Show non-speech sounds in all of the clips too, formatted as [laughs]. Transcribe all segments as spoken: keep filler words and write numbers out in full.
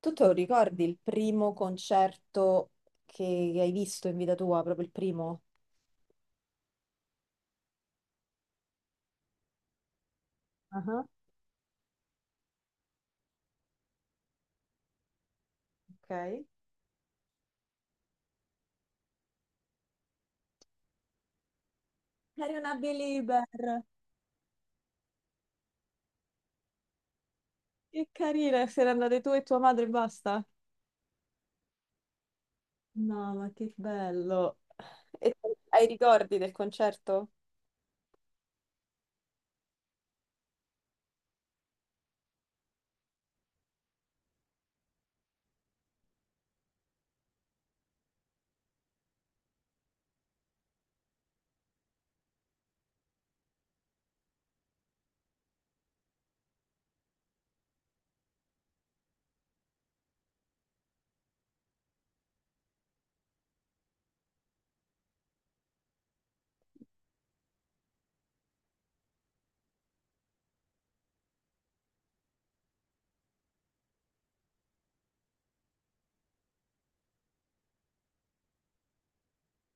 Tu te lo ricordi il primo concerto che hai visto in vita tua, proprio il primo? Ah. Ok. Eri una believer. Che carina, se ne andate tu e tua madre e basta. No, ma che bello. E hai ricordi del concerto?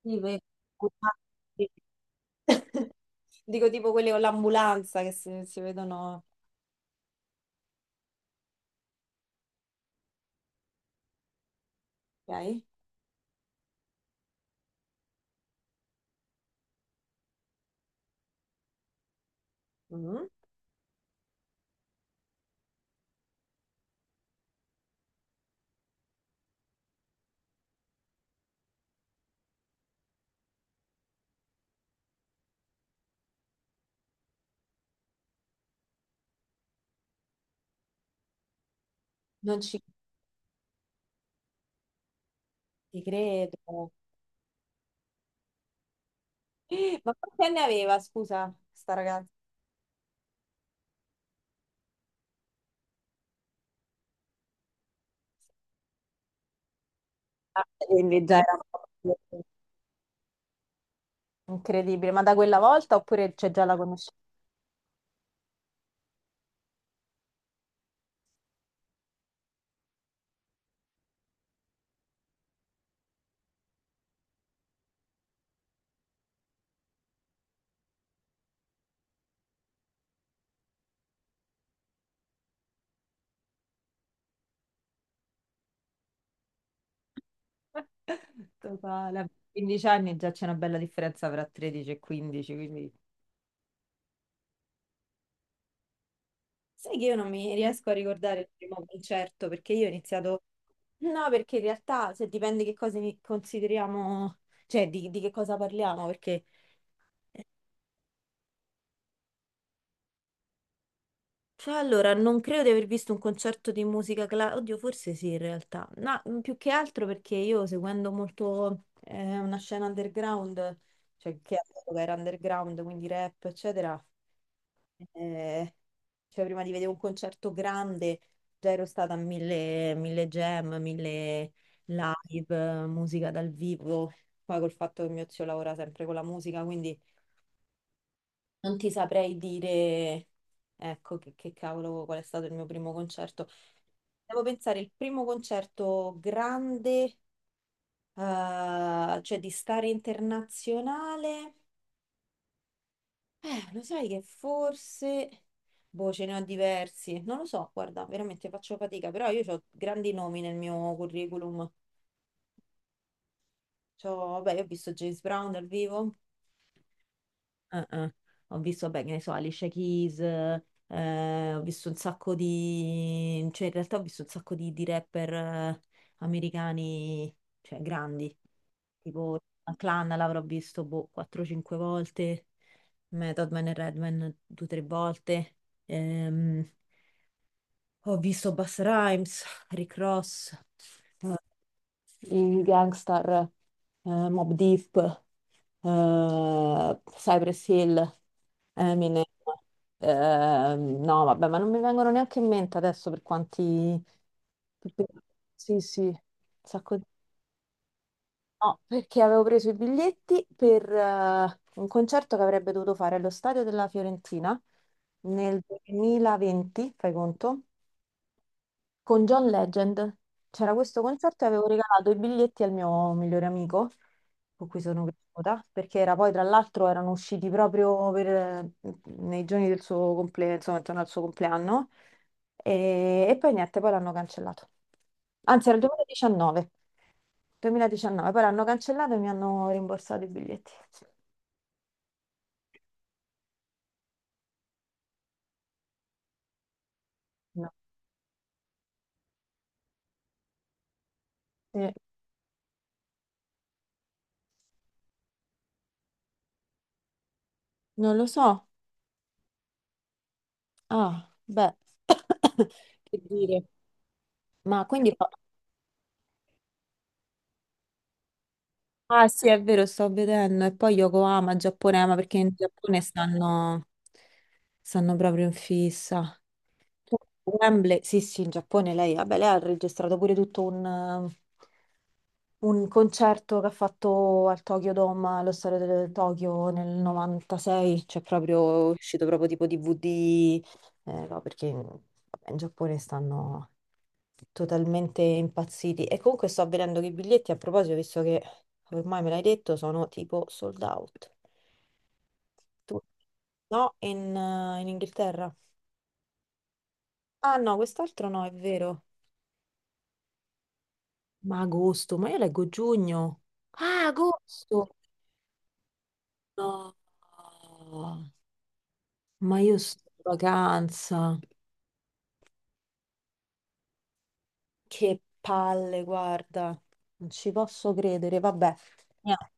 Sì, ve- [laughs] Dico tipo quelli con l'ambulanza che si, si vedono. Ok? Mm. Non ci ci credo. [gasps] Ma quanti anni aveva, scusa, sta ragazza? Quindi già era proprio incredibile, ma da quella volta oppure c'è già la conoscenza? Totale. A quindici anni già c'è una bella differenza tra tredici e quindici, quindi... Sai che io non mi riesco a ricordare il primo concerto perché io ho iniziato... No, perché in realtà se dipende che cosa ni- consideriamo, cioè di, di che cosa parliamo, perché cioè, allora, non credo di aver visto un concerto di musica classica, oddio, forse sì in realtà, no, mm, più che altro perché io seguendo molto eh, una scena underground, cioè che all'epoca era underground, quindi rap, eccetera, eh, cioè prima di vedere un concerto grande già ero stata a mille, mille jam, mille live, eh, musica dal vivo, poi col fatto che mio zio lavora sempre con la musica, quindi non ti saprei dire, ecco, che che cavolo, qual è stato il mio primo concerto. Devo pensare, il primo concerto grande, eh, cioè di stare internazionale, eh, lo sai che forse, boh, ce ne ho diversi, non lo so, guarda, veramente faccio fatica, però io ho grandi nomi nel mio curriculum. C'ho- vabbè, io ho visto James Brown dal vivo. Eh, eh. Ho visto, beh, che ne so, Alicia Keys, eh, ho visto un sacco di... cioè in realtà ho visto un sacco di, di rapper eh, americani, cioè grandi, tipo la Clan l'avrò visto, boh, quattro cinque volte, Method Man e Redman due o tre volte. Ehm, Ho visto Busta Rhymes, Rick Ross, eh, i Gangstar, eh, Mobb Deep, eh, Cypress Hill, Eminem. Ehm, no, vabbè, ma non mi vengono neanche in mente adesso per quanti... per- per- Sì, sì, un sacco di- No, perché avevo preso i biglietti per eh, un concerto che avrebbe dovuto fare allo stadio della Fiorentina nel duemilaventi, fai conto? Con John Legend. C'era questo concerto e avevo regalato i biglietti al mio migliore amico, con cui sono cresciuta, perché era poi tra l'altro erano usciti proprio per- nei giorni del suo compleanno, insomma, intorno al suo compleanno. E, e poi niente, poi l'hanno cancellato. Anzi, era il duemiladiciannove. duemiladiciannove, poi l'hanno cancellato e mi hanno rimborsato i biglietti. No. Eh, non lo so. Ah, beh, [coughs] che dire. Ma quindi... [laughs] Ah sì, è vero, sto vedendo. E poi Yokohama, Giapponema, perché in Giappone stanno, stanno proprio in fissa. Wembley, sì, sì, in Giappone lei, vabbè, lei ha registrato pure tutto un, eh, un concerto che ha fatto al Tokyo Dome, allo stadio del Tokyo nel novantasei, cioè proprio è uscito proprio tipo D V D. Eh, no, perché in, vabbè, in Giappone stanno totalmente impazziti. E comunque sto vedendo che i biglietti, a proposito, visto che ormai me l'hai detto, sono tipo sold out. Tu- No, in, eh, in Inghilterra. Ah no, quest'altro no, è vero. Ma agosto, ma io leggo giugno. Ah, agosto! No, ma io sto in vacanza. Che palle, guarda. Non ci posso credere, vabbè. Niente.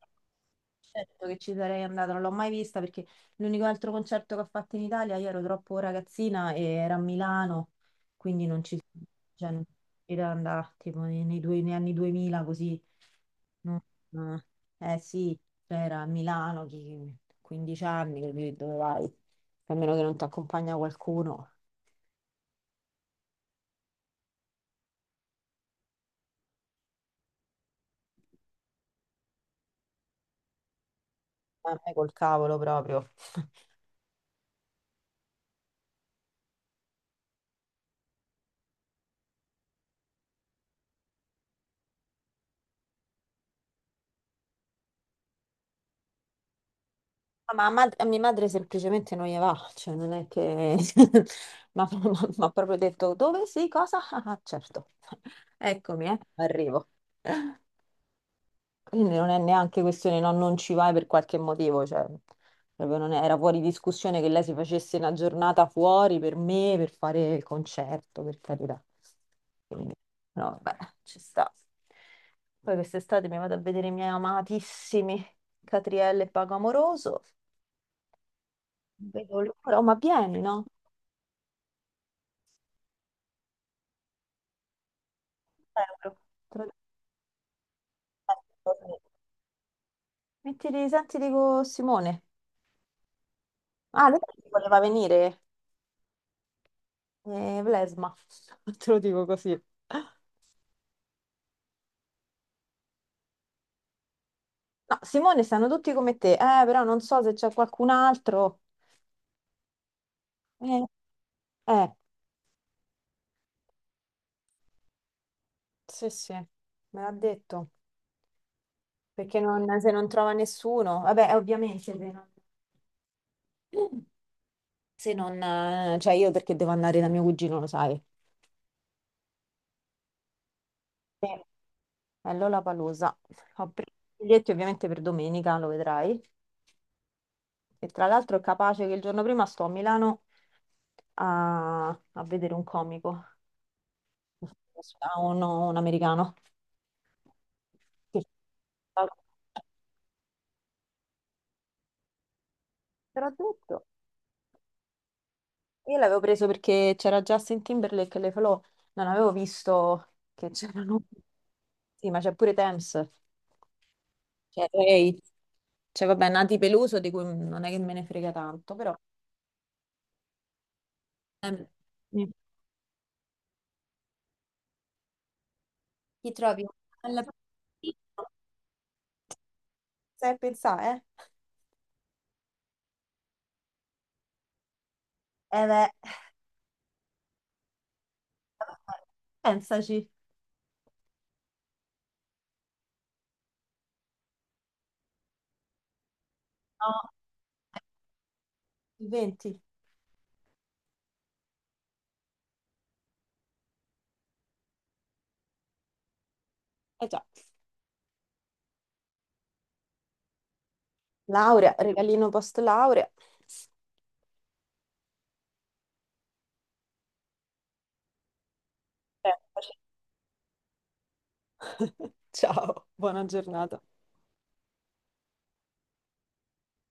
Certo che ci sarei andata, non l'ho mai vista perché l'unico altro concerto che ho fatto in Italia, io ero troppo ragazzina e era a Milano, quindi non ci cioè, non era andare tipo nei, nei due- negli anni duemila così. No. Ah. Eh sì, cioè, era a Milano, chi- quindici anni, capì, dove vai? A meno che non ti accompagna qualcuno, a me col cavolo proprio. [laughs] Ma a, mad- a mia madre semplicemente non gli va, cioè non è che [laughs] mi ha pro- mi ha [laughs] proprio detto dove sì, cosa? [laughs] Ah, ah, certo, [laughs] eccomi, eh, arrivo. [laughs] Quindi non è neanche questione no, non ci vai per qualche motivo, cioè proprio non è- era fuori discussione che lei si facesse una giornata fuori per me, per fare il concerto, per carità. Quindi, no, beh, ci sta. Poi quest'estate mi vado a vedere i miei amatissimi Catrielle e Paco Amoroso. Non vedo l'ora, oh, ma vieni, no? Euro. Te lo dico. Mettili, senti, dico Simone. Ah, lei voleva venire, eh, Blesma, [laughs] te lo dico così. No, Simone stanno tutti come te, eh, però non so se c'è qualcun altro. Eh, eh, sì, sì, me l'ha detto, perché non- se non trova nessuno, vabbè, eh, ovviamente se non, se non, eh, cioè io perché devo andare da mio cugino, lo sai. Sì. È Lollapalooza. Ho preso i biglietti ovviamente per domenica, lo vedrai. E tra l'altro è capace che il giorno prima sto a Milano a, a vedere un comico, un, un americano. Che fa- Te l'ho detto. Io l'avevo preso perché c'era Justin Timberlake e le falò. Non avevo visto che c'erano. Sì, ma c'è pure Thames, c'è Ray, c'è vabbè Nati Peluso di cui non è che me ne frega tanto, però ehm, sì. Ti trovi alla... Sai pensare, eh? Eh beh. Pensaci, no, il venti. Eh già. Laurea, regalino post laurea. Pensaci. [laughs] Ciao, buona giornata.